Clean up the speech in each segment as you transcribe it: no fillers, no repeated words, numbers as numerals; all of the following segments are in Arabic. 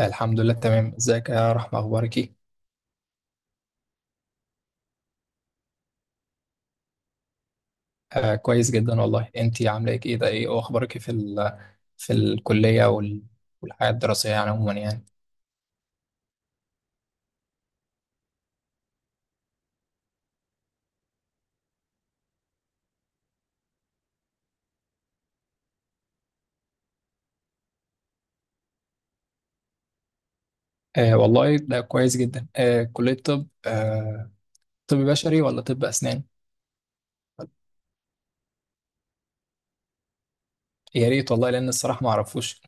الحمد لله تمام. ازيك يا رحمة؟ اخبارك ايه؟ آه كويس جدا والله. انتي عاملة ايه كده؟ ايه اخبارك في ال في الكلية وال والحياة الدراسية يعني عموما يعني. آه والله ده كويس جدا، آه كلية طب، آه طب بشري ولا طب اسنان؟ يا ريت والله لان الصراحة ما اعرفوش.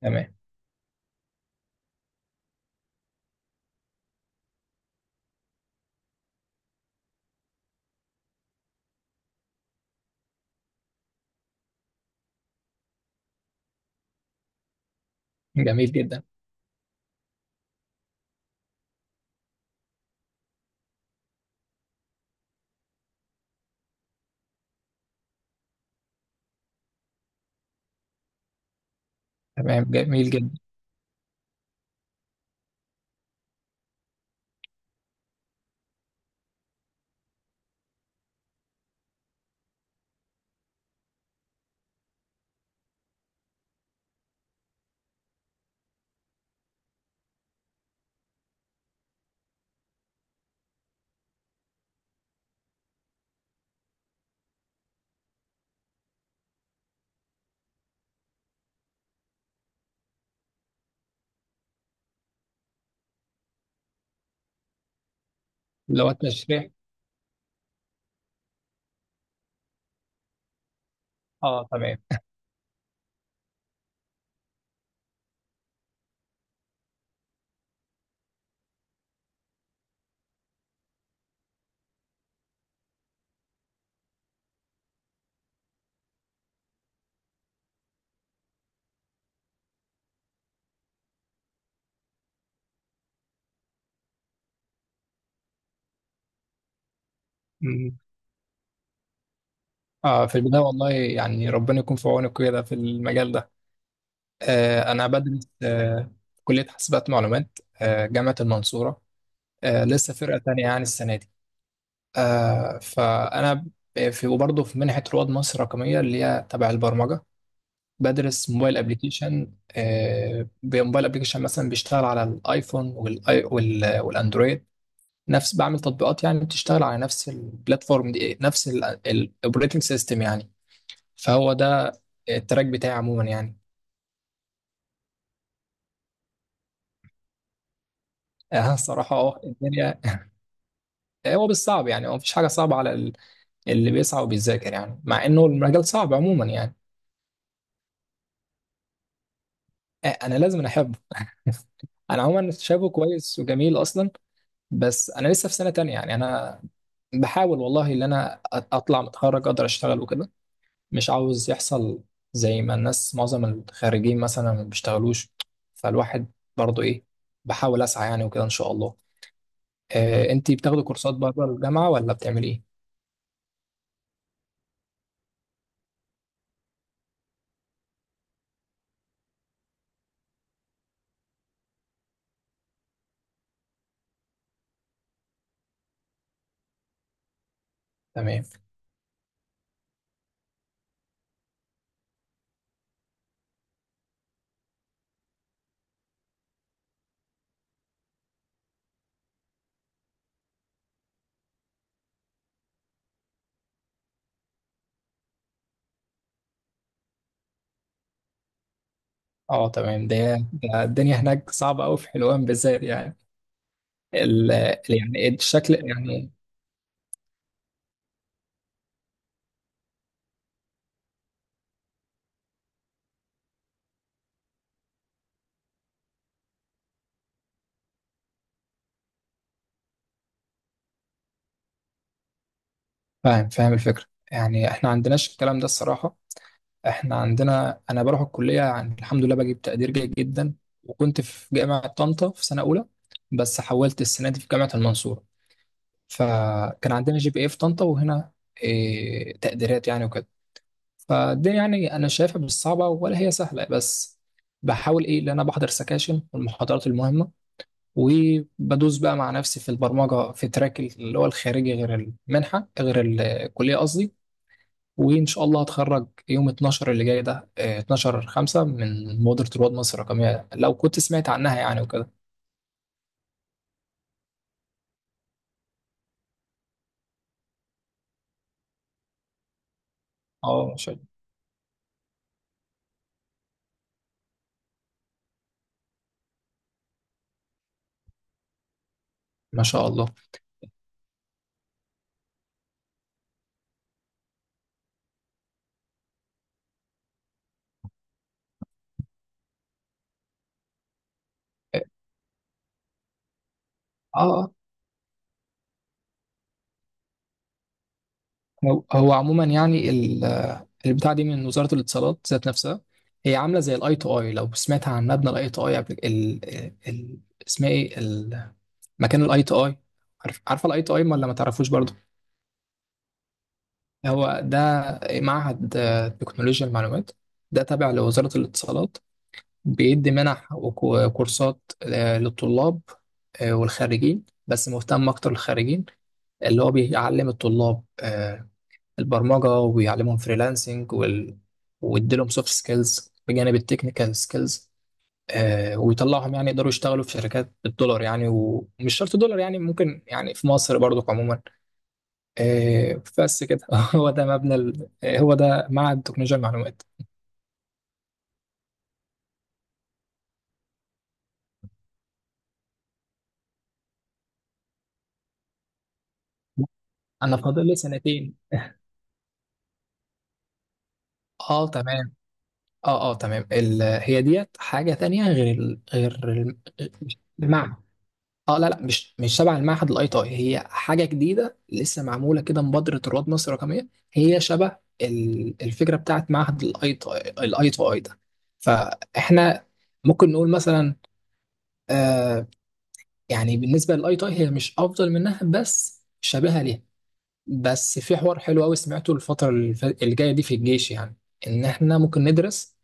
تمام جميل جدا. تمام جميل جدا. اللي هو التشريح. اه تمام. مم. اه في البداية والله يعني ربنا يكون في عونك كده في المجال ده. أنا بدرس في كلية حاسبات معلومات، جامعة المنصورة. لسه فرقة تانية يعني السنة دي. فأنا في وبرضه في منحة رواد مصر الرقمية اللي هي تبع البرمجة. بدرس موبايل أبليكيشن، موبايل أبليكيشن مثلا بيشتغل على الآيفون والأندرويد. نفس بعمل تطبيقات يعني بتشتغل على نفس البلاتفورم دي، نفس الأوبريتنج سيستم يعني. فهو ده التراك بتاعي عموما يعني. الصراحة اه الدنيا. هو بالصعب يعني، هو مفيش حاجة صعبة على اللي بيسعى وبيذاكر، يعني مع إنه المجال صعب عموما يعني. أنا لازم أنا أحبه. أنا عموما شايفه كويس وجميل أصلا. بس أنا لسه في سنة تانية يعني. أنا بحاول والله إن أنا أطلع متخرج أقدر أشتغل وكده. مش عاوز يحصل زي ما الناس معظم الخارجين مثلا ما بيشتغلوش، فالواحد برضه إيه، بحاول أسعى يعني وكده إن شاء الله. أنتي بتاخدي كورسات بره الجامعة ولا بتعملي إيه؟ تمام. اه تمام ده. ده الدنيا هناك صعبة أوي في حلوان بالذات يعني، ال يعني الشكل يعني. فاهم، فاهم الفكرة. يعني احنا عندناش الكلام ده الصراحة. احنا عندنا أنا بروح الكلية يعني، الحمد لله بجيب تقدير جيد جدا. وكنت في جامعة طنطا في سنة أولى، بس حولت السنة دي في جامعة المنصورة. فكان عندنا جي بي اي في طنطا وهنا، إيه تقديرات يعني وكده. فالدنيا يعني أنا شايفها مش صعبة ولا هي سهلة، بس بحاول ايه ان انا بحضر سكاشن والمحاضرات المهمه، وبدوس بقى مع نفسي في البرمجة في تراك اللي هو الخارجي غير المنحة غير الكلية قصدي. وإن شاء الله هتخرج يوم 12 اللي جاي ده، آه، 12 5 من مبادرة رواد مصر الرقمية لو كنت سمعت عنها يعني وكده. اه ما شاء الله. اه آه. آه. هو عموما يعني البتاع دي من وزارة الاتصالات ذات نفسها. هي عاملة زي الاي تو اي. لو سمعت عن مبنى الاي تو اي قبل ال... اسمها ايه مكان الاي تو اي؟ عارف، عارفه الاي تو اي ولا ما تعرفوش برضه؟ هو ده معهد تكنولوجيا المعلومات. ده تابع لوزارة الاتصالات. بيدي منح وكورسات للطلاب والخريجين، بس مهتم أكتر للخريجين. اللي هو بيعلم الطلاب البرمجة وبيعلمهم فريلانسنج ويديلهم سوفت سكيلز بجانب التكنيكال سكيلز، ويطلعهم يعني يقدروا يشتغلوا في شركات بالدولار يعني، ومش شرط دولار يعني، ممكن يعني في مصر برضو عموما. بس كده. هو ده مبنى ال... آه، هو ده معهد تكنولوجيا المعلومات. انا فاضل لي سنتين. اه تمام. اه تمام. هي ديت حاجه تانية غير المعهد. اه لا مش شبه المعهد الاي تي اي، هي حاجه جديده لسه معموله كده، مبادره رواد مصر الرقميه. هي شبه الفكره بتاعت معهد الاي تي الاي تي اي ده. فاحنا ممكن نقول مثلا، آه، يعني بالنسبه للاي تي اي هي مش افضل منها بس شبيهه ليها. بس في حوار حلو قوي سمعته الفترة الجاية دي في الجيش يعني، إن إحنا ممكن ندرس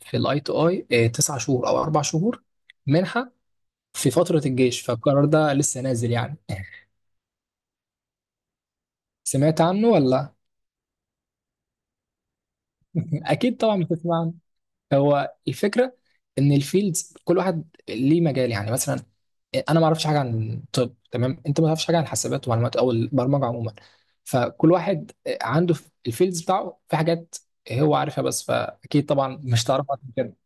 في الأي تو أي تسع شهور أو أربع شهور منحة في فترة الجيش. فالقرار ده لسه نازل يعني. سمعت عنه ولا؟ أكيد طبعا بتسمع عنه. هو الفكره ان الفيلدز كل واحد ليه مجال. يعني مثلا انا ما اعرفش حاجه عن طب، تمام، انت ما تعرفش حاجه عن حسابات ومعلومات او البرمجه عموما. فكل واحد عنده في الفيلدز بتاعه في حاجات هو عارفها، بس فاكيد طبعا مش تعرف أكتر من كده.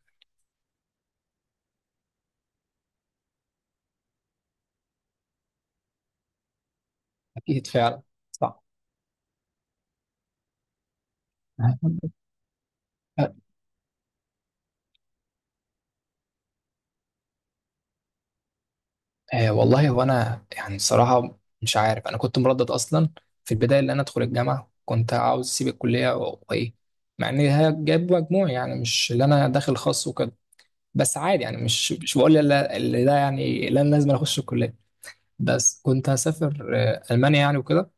اكيد فعلا، صح. آه والله هو انا يعني الصراحه مش عارف. انا كنت مردد اصلا في البدايه اللي انا ادخل الجامعه، كنت عاوز اسيب الكليه وايه، مع ان هي جايب مجموع يعني، مش اللي انا داخل خاص وكده. بس عادي يعني، مش بقول لا اللي ده يعني لا لازم أنا اخش الكليه. بس كنت هسافر المانيا يعني وكده،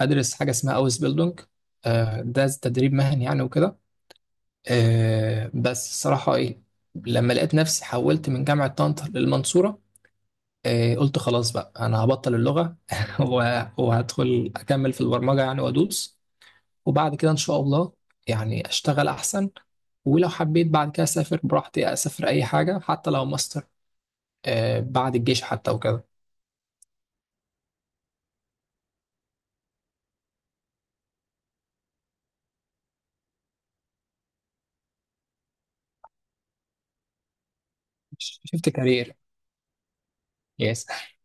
ادرس حاجه اسمها اوس بيلدونج، ده تدريب مهني يعني وكده. بس الصراحه ايه، لما لقيت نفسي حولت من جامعه طنطا للمنصوره، قلت خلاص بقى انا هبطل اللغه. وهدخل اكمل في البرمجه يعني وادوس، وبعد كده ان شاء الله يعني اشتغل احسن. ولو حبيت بعد كده اسافر براحتي، اسافر اي حاجه حتى لو ماستر، بعد الجيش حتى وكده. شفت كارير؟ يس.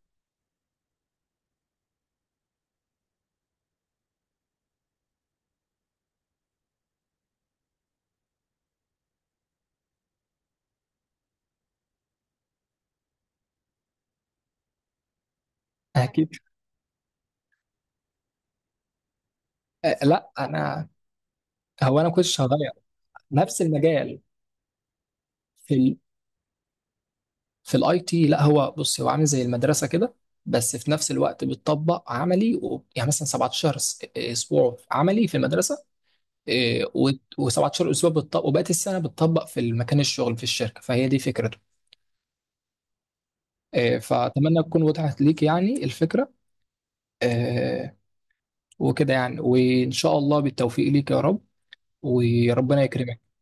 اكيد. لا انا، هو انا كنتش هغير. نفس المجال في في الاي تي. لا هو بص، هو عامل زي المدرسه كده، بس في نفس الوقت بتطبق عملي و... يعني مثلا 17 اسبوع عملي في المدرسه، و17 اسبوع بتطبق، وبقيت السنه بتطبق في المكان الشغل في الشركه. فهي دي فكرته. فاتمنى تكون وضحت ليك يعني الفكره. آه، وكده يعني، وان شاء الله بالتوفيق ليك يا رب، وربنا يكرمك.